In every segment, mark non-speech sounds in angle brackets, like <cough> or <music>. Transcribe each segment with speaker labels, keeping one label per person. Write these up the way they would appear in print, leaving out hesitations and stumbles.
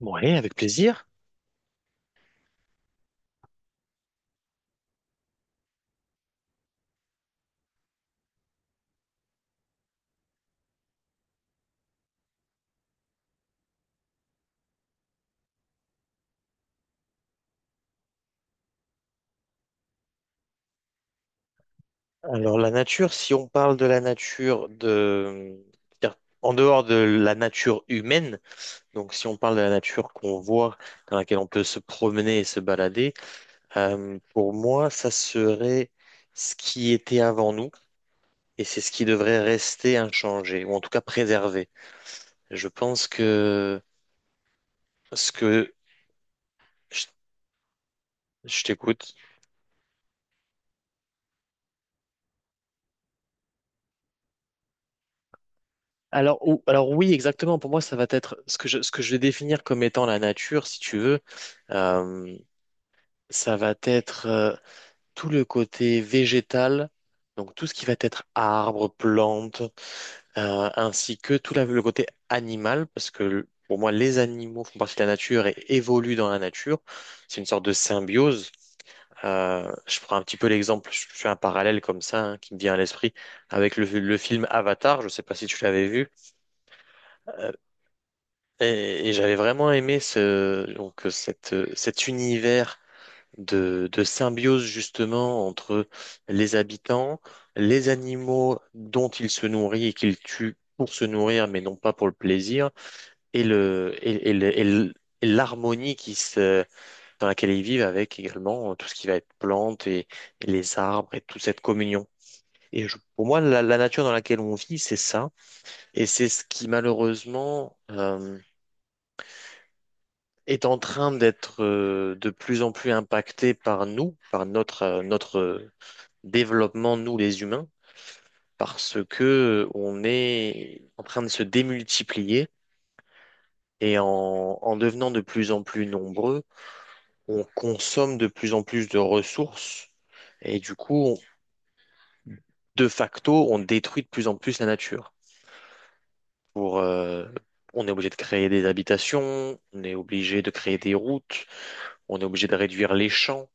Speaker 1: Oui, avec plaisir. Alors la nature, si on parle de la nature de c'est-à-dire en dehors de la nature humaine, donc si on parle de la nature qu'on voit, dans laquelle on peut se promener et se balader, pour moi, ça serait ce qui était avant nous et c'est ce qui devrait rester inchangé ou en tout cas préservé. Je pense que ce que je je t'écoute. Alors, alors oui, exactement. Pour moi, ça va être ce que je vais définir comme étant la nature, si tu veux. Ça va être tout le côté végétal, donc tout ce qui va être arbres, plantes, ainsi que le côté animal, parce que pour moi, les animaux font partie de la nature et évoluent dans la nature. C'est une sorte de symbiose. Je prends un petit peu l'exemple, je fais un parallèle comme ça hein, qui me vient à l'esprit avec le film Avatar. Je ne sais pas si tu l'avais vu. Euh, et j'avais vraiment aimé ce donc cet univers de symbiose justement entre les habitants, les animaux dont ils se nourrissent et qu'ils tuent pour se nourrir, mais non pas pour le plaisir, et le, et, et le- et l- et l'harmonie dans laquelle ils vivent avec également tout ce qui va être et les arbres et toute cette communion. Pour moi, la nature dans laquelle on vit, c'est ça. Et c'est ce qui, malheureusement, est en train d'être de plus en plus impacté par nous, par notre développement, nous les humains, parce que on est en train de se démultiplier et en devenant de plus en plus nombreux, on consomme de plus en plus de ressources et du coup, de facto, on détruit de plus en plus la nature. Pour, on est obligé de créer des habitations, on est obligé de créer des routes, on est obligé de réduire les champs.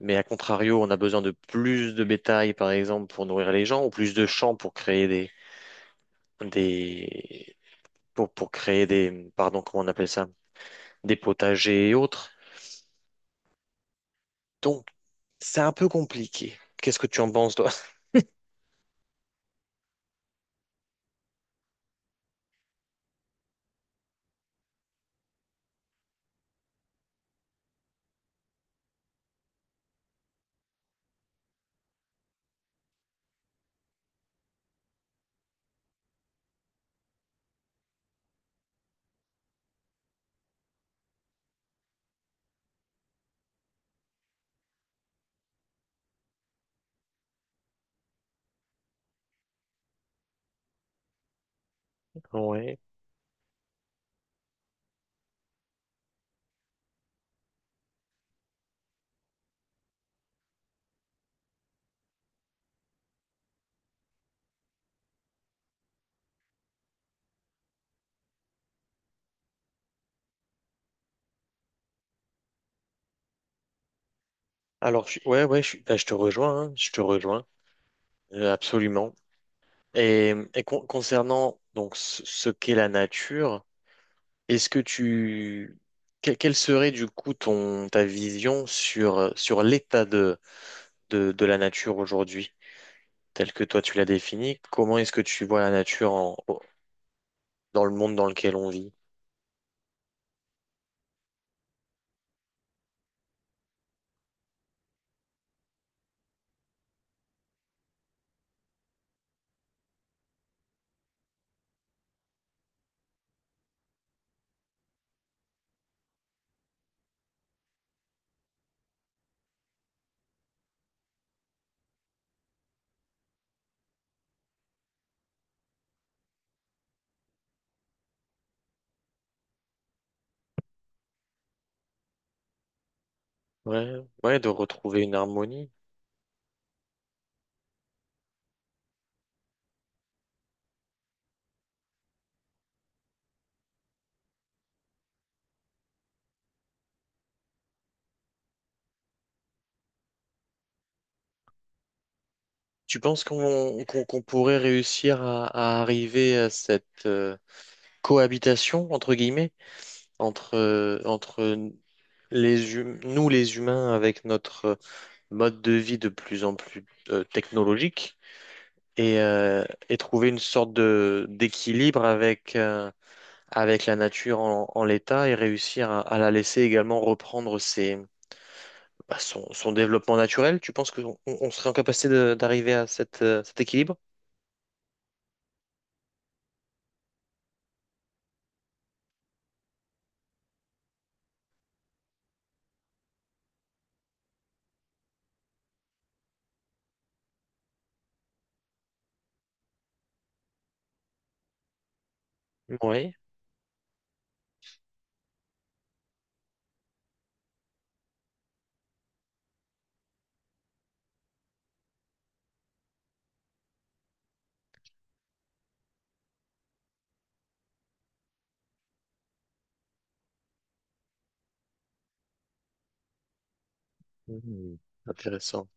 Speaker 1: Mais à contrario, on a besoin de plus de bétail, par exemple, pour nourrir les gens, ou plus de champs pour créer des, pour créer des, pardon, comment on appelle ça, des potagers et autres. Donc, c'est un peu compliqué. Qu'est-ce que tu en penses, toi? <laughs> Ouais. Alors, ouais, ouais, bah, je te rejoins, hein, je te rejoins, absolument. Concernant donc ce qu'est la nature, est-ce que tu, que- quelle serait du coup ton ta vision sur sur l'état de la nature aujourd'hui, tel que toi tu l'as défini. Comment est-ce que tu vois la nature dans le monde dans lequel on vit? Ouais, ouais, de retrouver une harmonie. Tu penses qu'on pourrait réussir à arriver à cette cohabitation, entre guillemets, entre les nous les humains avec notre mode de vie de plus en plus technologique et trouver une sorte de d'équilibre avec, avec la nature en l'état et réussir à la laisser également reprendre bah, son développement naturel, tu penses qu'on on serait en capacité de- d'arriver à cette, cet équilibre? Oui. Mhm. Intéressant.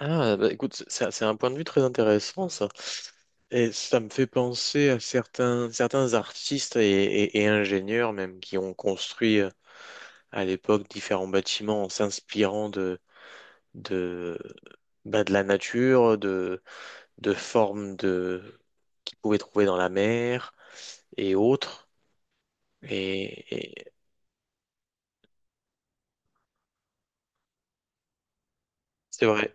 Speaker 1: Ah, bah, écoute, c'est un point de vue très intéressant, ça. Et ça me fait penser à certains artistes et ingénieurs même qui ont construit à l'époque différents bâtiments en s'inspirant de, bah, de la nature, de formes de, qu'ils pouvaient trouver dans la mer et autres. Et, et c'est vrai.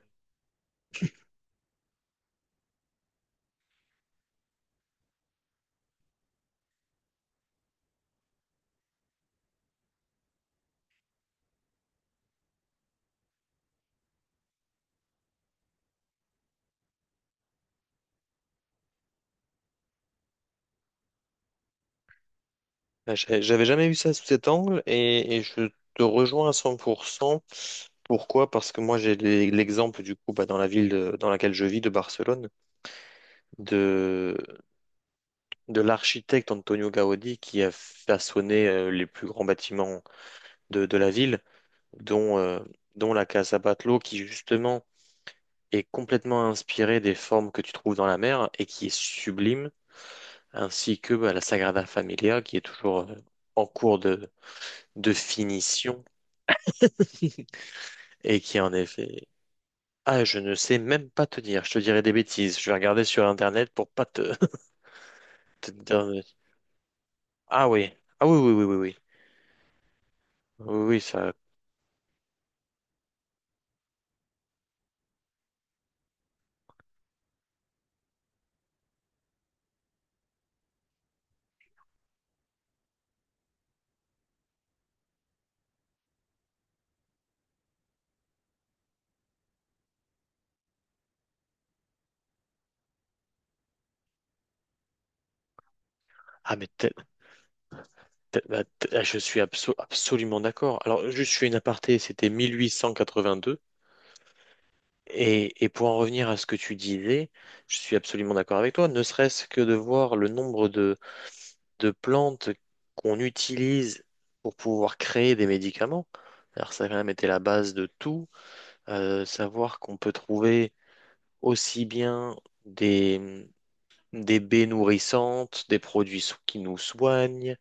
Speaker 1: Bah, j'avais jamais vu ça sous cet angle et je te rejoins à 100%. Pourquoi? Parce que moi, l'exemple, du coup, bah, dans la ville dans laquelle je vis, de Barcelone, de, de l'architecte Antonio Gaudi qui a façonné les plus grands bâtiments de la ville, dont, euh, dont la Casa Batlló, qui justement est complètement inspirée des formes que tu trouves dans la mer et qui est sublime, ainsi que bah, la Sagrada Familia, qui est toujours en cours de finition. Et qui en effet... Ah, je ne sais même pas te dire. Je te dirai des bêtises. Je vais regarder sur Internet pour pas te, <laughs> te dire... Ah oui. Ah oui, oui, oui, oui, oui. Oui, oui, ça... Ah, mais ah, je suis absolument d'accord. Alors, juste, je fais une aparté. C'était 1882. Pour en revenir à ce que tu disais, je suis absolument d'accord avec toi. Ne serait-ce que de voir le nombre de plantes qu'on utilise pour pouvoir créer des médicaments. Alors, ça a quand même été la base de tout. Savoir qu'on peut trouver aussi bien des, mm, des baies nourrissantes, des produits qui nous soignent,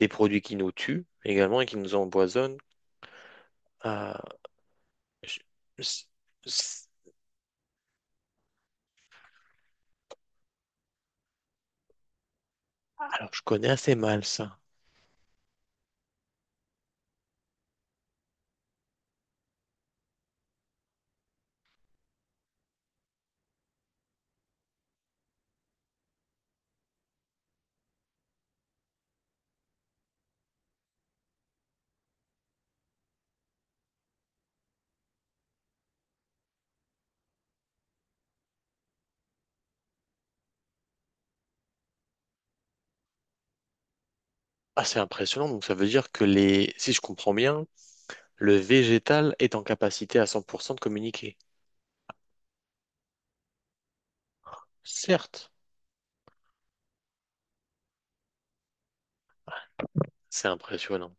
Speaker 1: des produits qui nous tuent également et qui nous empoisonnent. Ah, je- c- c- alors, je connais assez mal ça. Ah, c'est impressionnant. Donc, ça veut dire que les, si je comprends bien, le végétal est en capacité à 100% de communiquer. Certes, c'est impressionnant.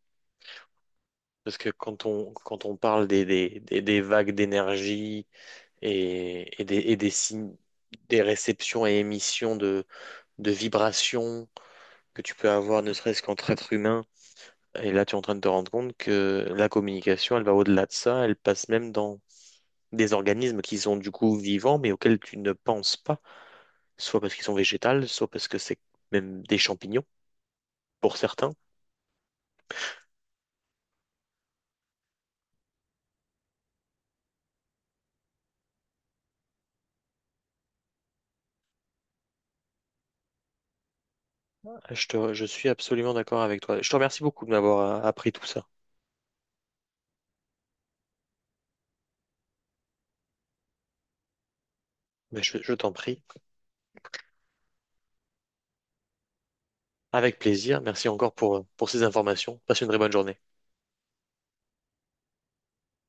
Speaker 1: Parce que quand on parle des vagues d'énergie, et des signes, des réceptions et émissions de vibrations que tu peux avoir, ne serait-ce qu'entre êtres humains. Et là, tu es en train de te rendre compte que la communication, elle va au-delà de ça, elle passe même dans des organismes qui sont du coup vivants, mais auxquels tu ne penses pas, soit parce qu'ils sont végétales, soit parce que c'est même des champignons, pour certains. Je suis absolument d'accord avec toi. Je te remercie beaucoup de m'avoir appris tout ça. Mais je t'en prie, avec plaisir. Merci encore pour ces informations. Passe une très bonne journée.